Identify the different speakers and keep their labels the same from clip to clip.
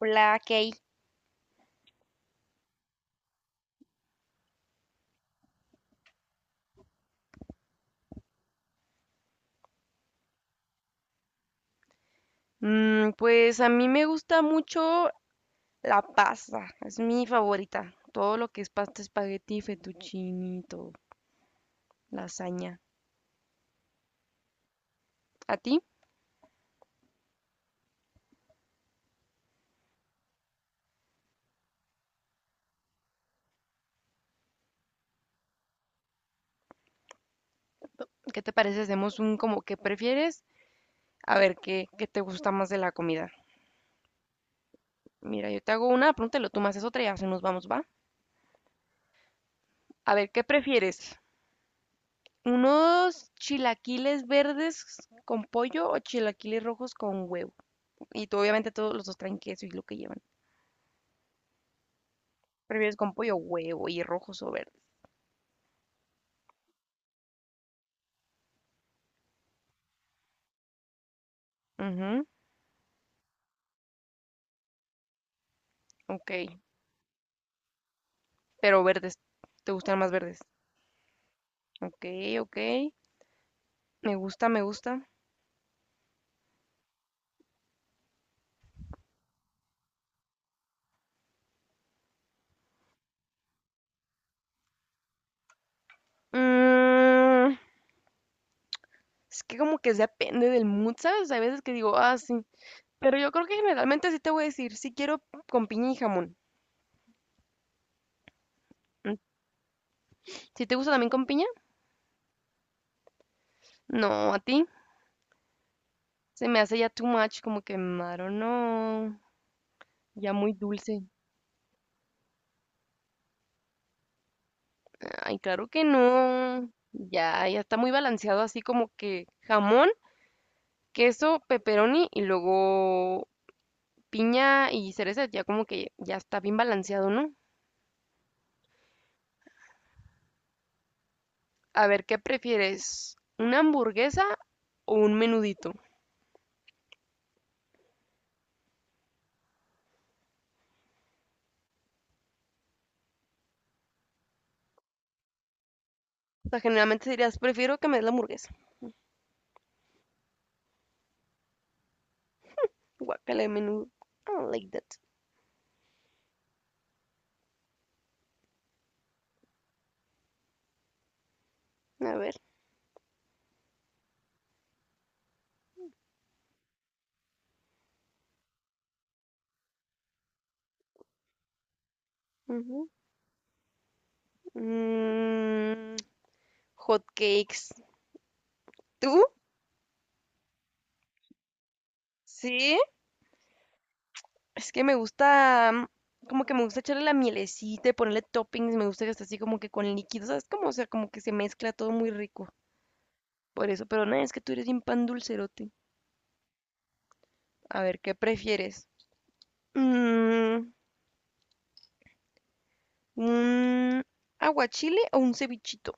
Speaker 1: Hola, Kay. Pues a mí me gusta mucho la pasta, es mi favorita. Todo lo que es pasta, espagueti, fettuccine, y todo, lasaña. ¿A ti? ¿Qué te parece? Hacemos un como que prefieres, a ver qué te gusta más de la comida. Mira, yo te hago una, pregúntalo, tú me haces otra y así nos vamos, ¿va? A ver, ¿qué prefieres? ¿Unos chilaquiles verdes con pollo o chilaquiles rojos con huevo? Y tú, obviamente todos los dos traen queso y lo que llevan. ¿Prefieres con pollo, huevo y rojos o verdes? Ujú, ok, pero verdes, te gustan más verdes. Ok, ok, me gusta, me gusta. Mm, es que como que depende del mood, ¿sabes? Hay veces que digo, ah, sí, pero yo creo que generalmente sí te voy a decir, sí quiero con piña y jamón. Mm, ¿Si te gusta también con piña? No, a ti. Se me hace ya too much, como que, no, ya muy dulce. Ay, claro que no. Ya, ya está muy balanceado así como que jamón, queso, pepperoni y luego piña y cereza, ya como que ya está bien balanceado, ¿no? A ver, ¿qué prefieres? ¿Una hamburguesa o un menudito? O sea, generalmente dirías, prefiero que me des la hamburguesa. Guácala de menudo. I don't like that. A ver. Ujú. Mm, Hot cakes. ¿Tú? Sí. Es que me gusta, como que me gusta echarle la mielecita y ponerle toppings. Me gusta que esté así como que con líquidos, ¿sabes? Como, o sea, como que se mezcla todo muy rico. Por eso, pero no, es que tú eres bien pan dulcerote. A ver, ¿qué prefieres? Mm, ¿Un aguachile o un cevichito?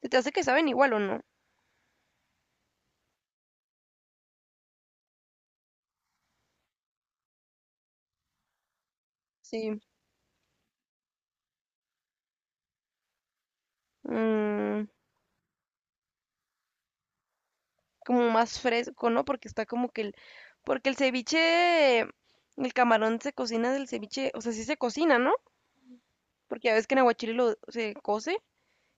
Speaker 1: ¿Se te hace que saben igual o no? Sí. mm, Como más fresco, ¿no? Porque está como que el... Porque el ceviche, el camarón se cocina del ceviche, o sea, sí se cocina, ¿no? Porque ya ves que en aguachile lo se cose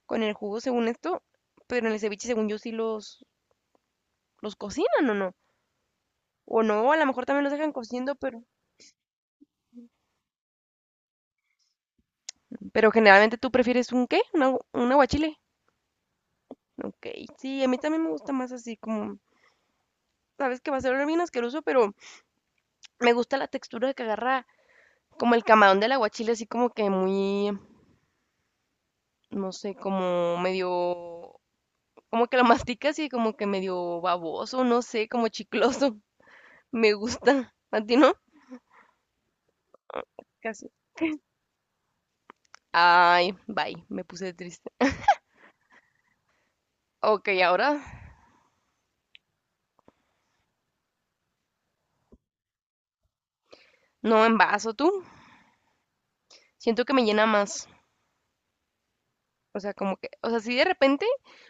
Speaker 1: con el jugo según esto, pero en el ceviche según yo sí los cocinan o no. O no, a lo mejor también los dejan cociendo, pero... Pero generalmente tú prefieres un qué? ¿Un, un aguachile? Ok, sí, a mí también me gusta más así como sabes que va a ser bien asqueroso, pero me gusta la textura que agarra como el camarón del aguachile, así como que muy, no sé, como medio, como que lo masticas y como que medio baboso, no sé, como chicloso. Me gusta. ¿A ti no? Casi. Ay, bye, me puse triste. Ok, ahora no envaso tú. Siento que me llena más. O sea, como que, o sea, si de repente,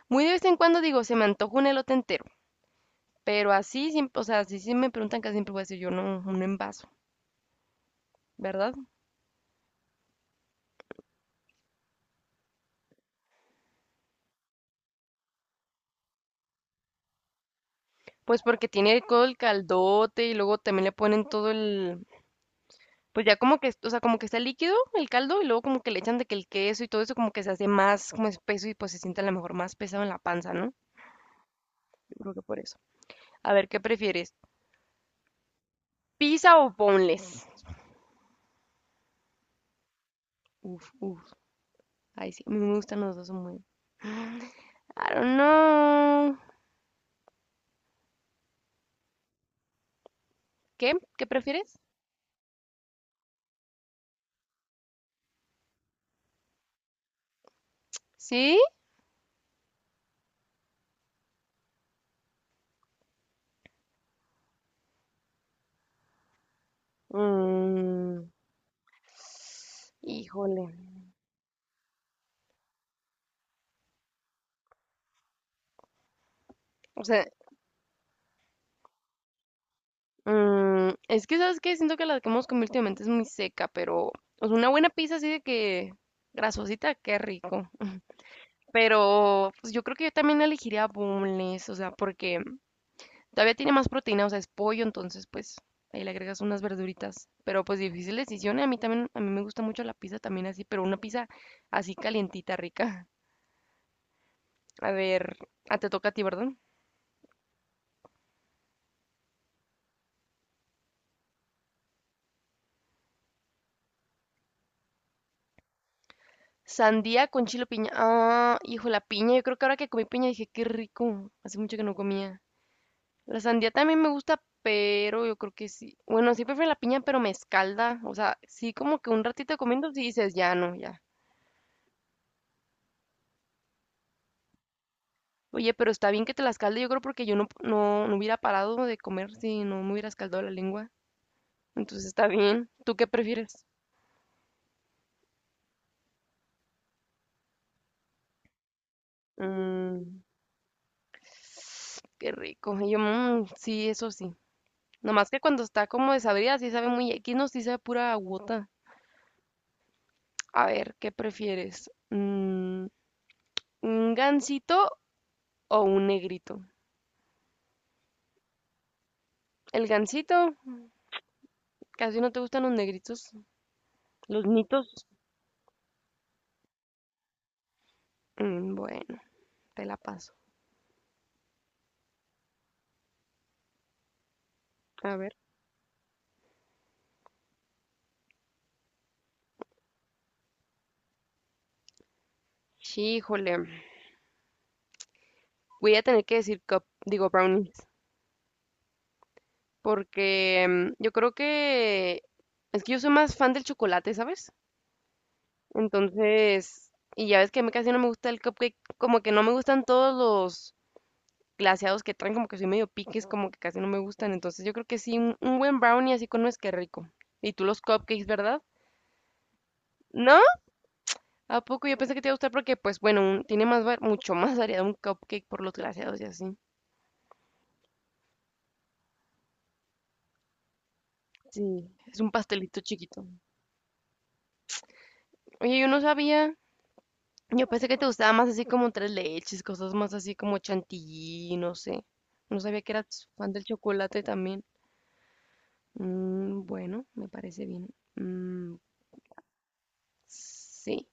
Speaker 1: muy de vez en cuando digo, se me antoja un elote entero. Pero así, siempre, o sea, si sí me preguntan casi siempre voy a decir yo no, un envaso, ¿verdad? Pues porque tiene todo el caldote y luego también le ponen todo el, pues ya como que, o sea, como que está líquido el caldo y luego como que le echan de que el queso y todo eso como que se hace más como espeso y pues se siente a lo mejor más pesado en la panza, ¿no? Yo creo que por eso. A ver, ¿qué prefieres? ¿Pizza o boneless? Uf, uf. Ay, sí, a mí me gustan los dos muy. I don't know. ¿Qué? ¿Qué prefieres? ¿Sí? Mm, híjole. O sea, es que, ¿sabes qué? Siento que la que hemos comido últimamente es muy seca, pero o sea, una buena pizza así de que grasosita, qué rico. Pero pues, yo creo que yo también elegiría boneless, o sea, porque todavía tiene más proteína, o sea, es pollo, entonces pues ahí le agregas unas verduritas. Pero pues difícil decisión, y a mí también, a mí me gusta mucho la pizza también así, pero una pizza así calientita, rica. A ver, ah, te toca a ti, ¿verdad? Sandía con chile o piña. Ah, hijo, la piña. Yo creo que ahora que comí piña dije, qué rico. Hace mucho que no comía. La sandía también me gusta, pero yo creo que sí. Bueno, sí prefiero la piña, pero me escalda. O sea, sí como que un ratito comiendo, sí dices, ya no, ya. Oye, pero está bien que te la escalde, yo creo porque yo no hubiera parado de comer si no me hubiera escaldado la lengua. Entonces está bien. ¿Tú qué prefieres? Mmm, qué rico. Y yo, "Mm, sí, eso sí. Nomás que cuando está como desabrida, sí sabe muy X, no, sí sabe pura agüota. A ver, ¿qué prefieres? ¿Un gansito o un negrito? El gansito. Casi no te gustan los negritos. Los nitos. Bueno, te la paso. A ver. Híjole. Voy a tener que decir cup, digo brownies. Porque yo creo que es que yo soy más fan del chocolate, ¿sabes? Entonces, y ya ves que a mí casi no me gusta el cupcake, como que no me gustan todos los glaseados que traen, como que soy medio piques, como que casi no me gustan. Entonces, yo creo que sí, un buen brownie así con nuez, que rico. Y tú los cupcakes, ¿verdad? No, ¿a poco? Yo pensé que te iba a gustar porque, pues bueno, tiene más, mucho más variedad un cupcake por los glaseados y así. Sí. Es un pastelito chiquito. Oye, yo no sabía. Yo pensé que te gustaba más así como tres leches, cosas más así como chantilly, no sé. No sabía que eras fan del chocolate también. Bueno, me parece bien. Mm, sí.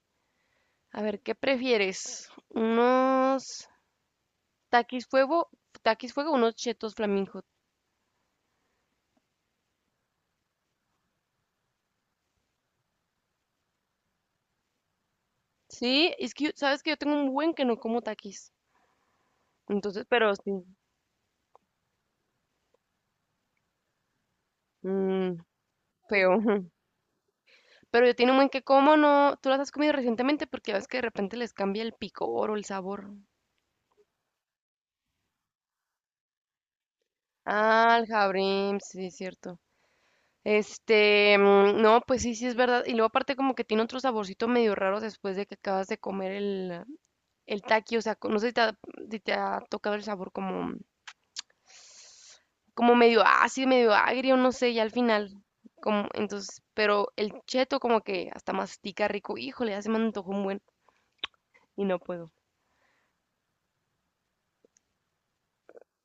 Speaker 1: A ver, ¿qué prefieres? ¿Unos taquis fuego? ¿Taquis fuego o unos chetos flamingo? Sí, es que, yo- ¿sabes que yo tengo un buen que no como taquis? Entonces, pero sí, mm, feo. Pero yo tiene un buen que como, ¿no? ¿Tú las has comido recientemente? Porque ves que de repente les cambia el picor o el sabor. Ah, el jabrim, sí, es cierto. Este, no, pues sí, sí es verdad. Y luego aparte como que tiene otro saborcito medio raro después de que acabas de comer el taqui, o sea, co- no sé si te si te ha tocado el sabor como, como medio ácido, medio agrio, no sé, ya al final. Como, entonces, pero el cheto como que hasta mastica rico, híjole, ya se me antojó un buen. Y no puedo.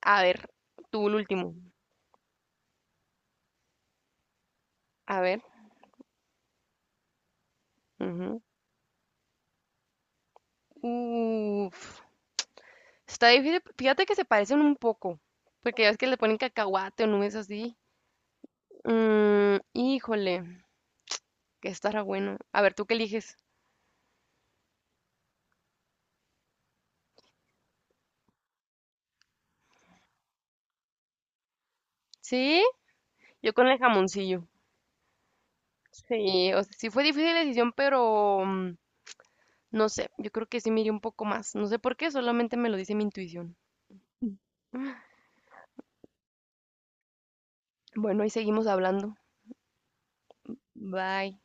Speaker 1: A ver, tú el último. A ver. Ujú. Uf. Está difícil. Fíjate que se parecen un poco. Porque ya ves que le ponen cacahuate o nubes así. Híjole, que estará bueno. A ver, ¿tú qué eliges? ¿Sí? Yo con el jamoncillo. Sí, o sea, sí fue difícil la decisión, pero no sé, yo creo que sí me iría un poco más. No sé por qué, solamente me lo dice mi intuición. Bueno, ahí seguimos hablando. Bye.